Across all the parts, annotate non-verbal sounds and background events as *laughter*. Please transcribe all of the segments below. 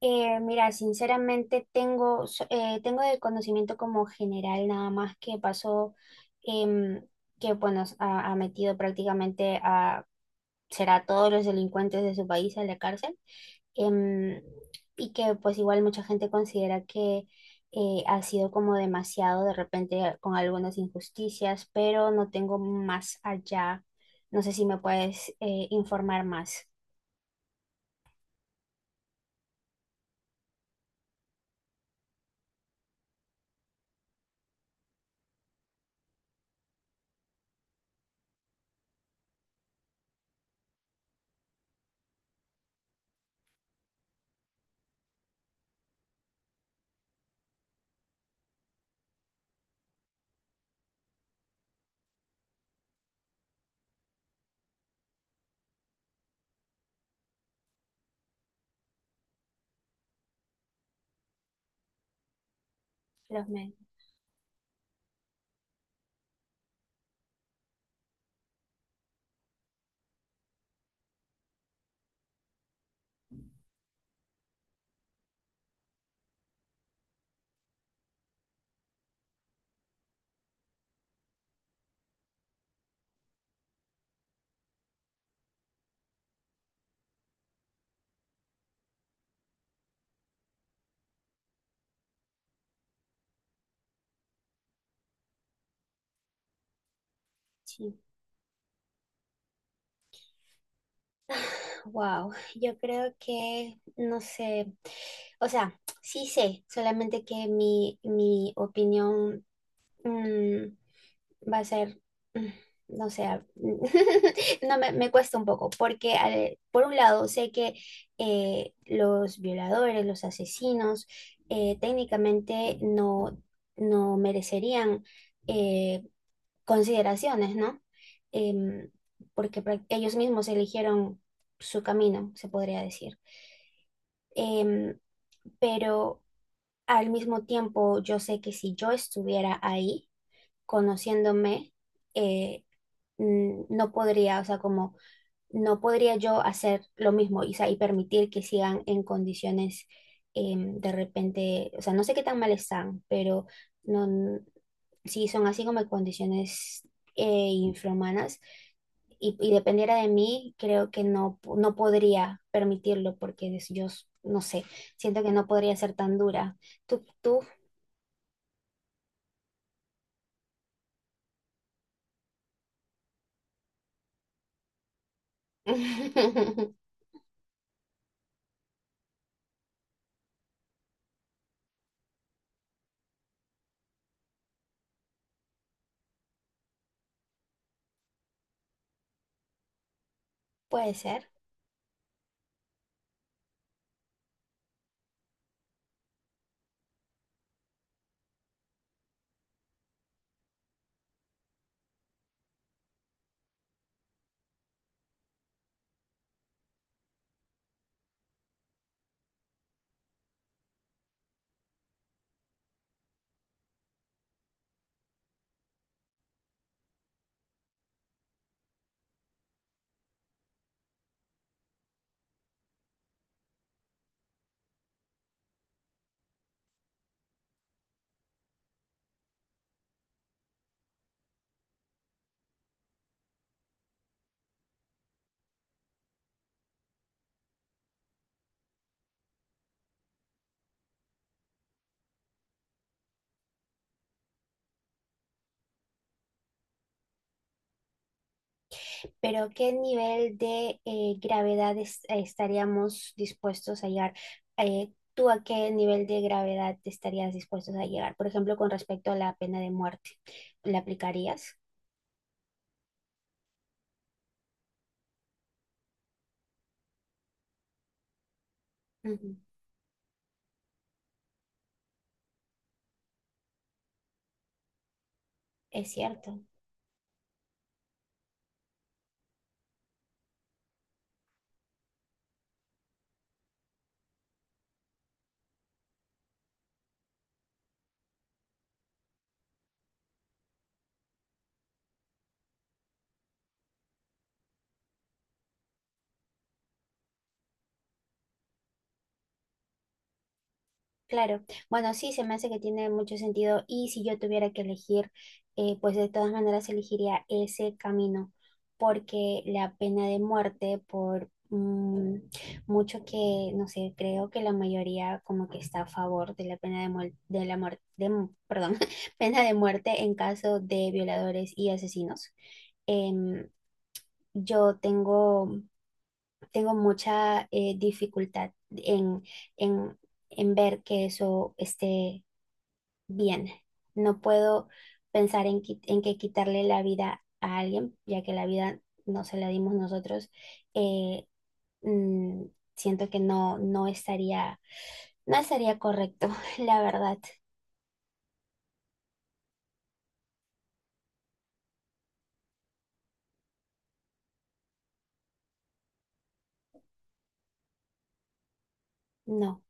Mira, sinceramente tengo el conocimiento como general nada más que pasó, em, que bueno, ha, ha metido prácticamente a, será a todos los delincuentes de su país a la cárcel, em, y que pues igual mucha gente considera que ha sido como demasiado de repente con algunas injusticias, pero no tengo más allá, no sé si me puedes informar más. Los medios. Sí. Wow, yo creo que no sé, o sea, sí sé, solamente que mi opinión mm, va a ser, mm, no sé, *laughs* no me, me cuesta un poco, porque por un lado sé que los violadores, los asesinos, técnicamente no, no merecerían eh, consideraciones, ¿no? Em, porque ellos mismos eligieron su camino, se podría decir. Em, pero al mismo tiempo, yo sé que si yo estuviera ahí, conociéndome, eh, no podría, o sea, como no podría yo hacer lo mismo y, o sea, y permitir que sigan en condiciones de repente, o sea, no sé qué tan mal están, pero no sí, son así como condiciones eh, infrahumanas. Y dependiera de mí, creo que no, no podría permitirlo porque yo, no sé, siento que no podría ser tan dura. Tú, tú, *laughs* puede ser, pero ¿qué nivel de gravedad estaríamos dispuestos a llegar? ¿Tú a qué nivel de gravedad estarías dispuestos a llegar? Por ejemplo, con respecto a la pena de muerte, ¿la aplicarías? Ujú. Es cierto. Claro, bueno, sí, se me hace que tiene mucho sentido y si yo tuviera que elegir, pues de todas maneras elegiría ese camino, porque la pena de muerte, por mucho que, no sé, creo que la mayoría como que está a favor de la pena de, de la muerte, perdón, *laughs* pena de muerte en caso de violadores y asesinos. Em, yo tengo, tengo mucha dificultad en en ver que eso esté bien. No puedo pensar en, en que quitarle la vida a alguien, ya que la vida no se la dimos nosotros. Eh, mm, siento que no, no estaría, no estaría correcto, *laughs* la verdad, no.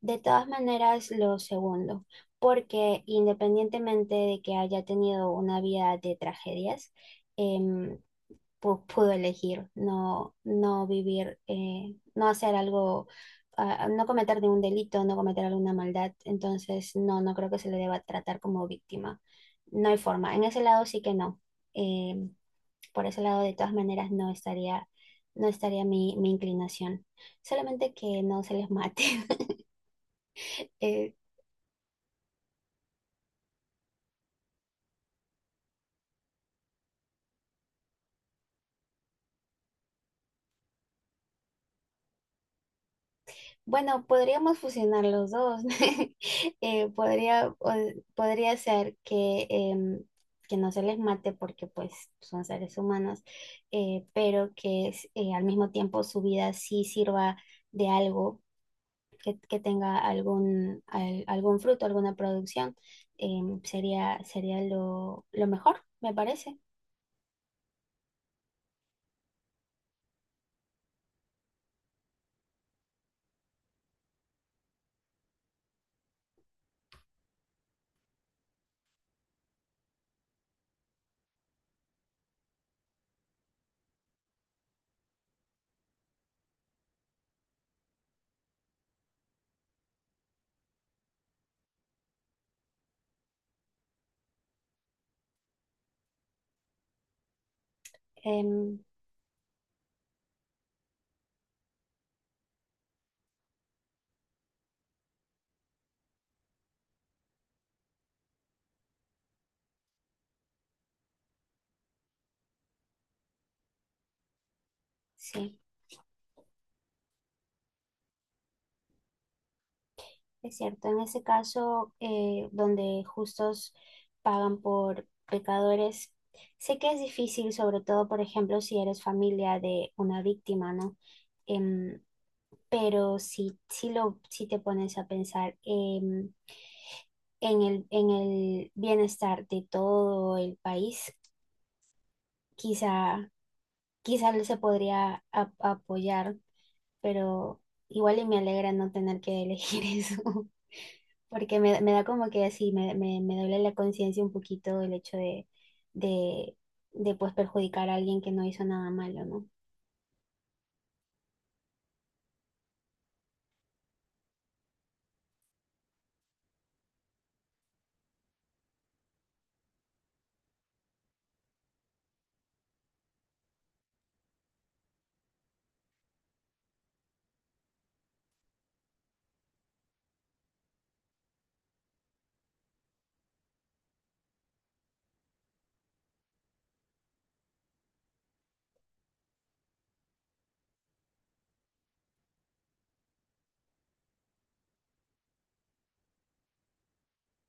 De todas maneras, lo segundo, porque independientemente de que haya tenido una vida de tragedias, em, pudo elegir no, no vivir, no hacer algo, no cometer ningún delito, no cometer alguna maldad. Entonces, no, no creo que se le deba tratar como víctima. No hay forma. En ese lado sí que no. Eh, por ese lado, de todas maneras, no estaría, no estaría mi inclinación. Solamente que no se les mate. *laughs* Eh, bueno, podríamos fusionar los dos. *laughs* Podría ser que, que no se les mate porque pues son seres humanos, pero que al mismo tiempo su vida sí sirva de algo, que tenga algún, algún fruto, alguna producción. Sería lo mejor, me parece. Em, sí. Es cierto, en ese caso, donde justos pagan por pecadores, sé que es difícil, sobre todo, por ejemplo, si eres familia de una víctima, ¿no? Em, pero si te pones a pensar en el bienestar de todo el país, quizá, quizá se podría apoyar, pero igual y me alegra no tener que elegir *laughs* eso. Porque me da como que así, me duele la conciencia un poquito el hecho de, de pues perjudicar a alguien que no hizo nada malo, ¿no?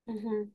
Ujú.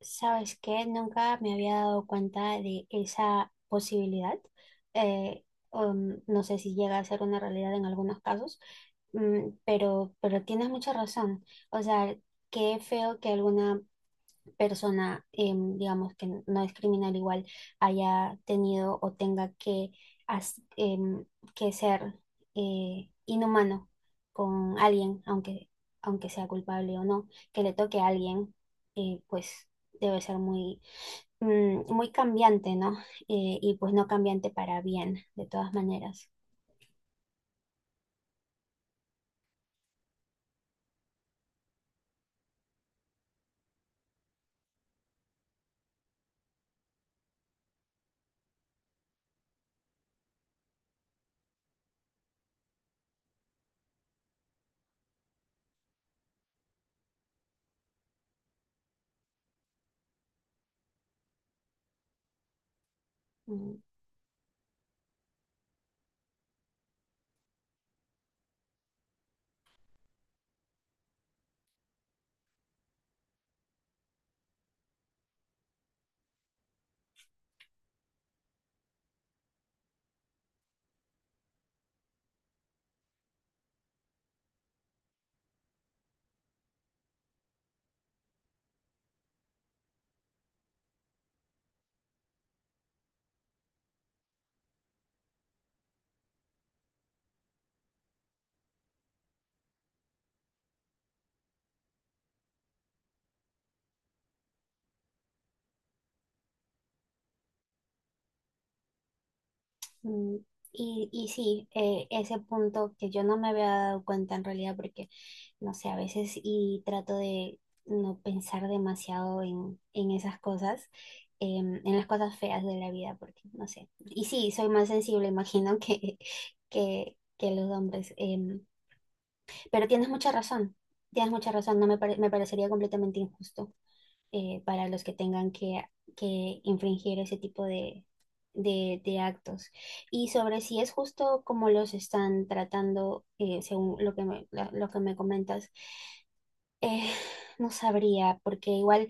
¿Sabes qué? Nunca me había dado cuenta de esa posibilidad. Eh, no sé si llega a ser una realidad en algunos casos, pero tienes mucha razón. O sea, qué feo que alguna persona, digamos, que no es criminal igual, haya tenido o tenga que, as- em, que ser inhumano con alguien, aunque, aunque sea culpable o no, que le toque a alguien, pues debe ser muy, muy cambiante, ¿no? Y pues no cambiante para bien, de todas maneras. Mm. Mm, y sí, ese punto que yo no me había dado cuenta en realidad porque, no sé, a veces y trato de no pensar demasiado en esas cosas, en las cosas feas de la vida, porque, no sé, y sí, soy más sensible, *laughs* imagino, que, que los hombres, pero tienes mucha razón, no me, pare- me parecería completamente injusto para los que tengan que infringir ese tipo de actos. Y sobre si es justo como los están tratando, según lo que lo que me comentas, eh, *sighs* no sabría, porque igual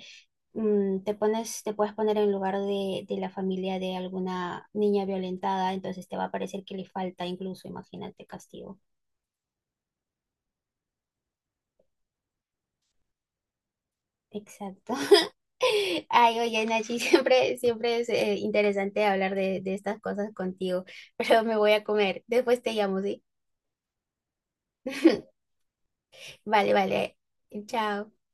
te puedes poner en lugar de la familia de alguna niña violentada, entonces te va a parecer que le falta incluso, imagínate, castigo. Exacto. *laughs* Ay, oye, Nachi, *laughs* siempre, siempre es interesante hablar de estas cosas contigo, *laughs* pero me voy a comer. Después te llamo, ¿sí? *laughs* Vale, vale. Chao.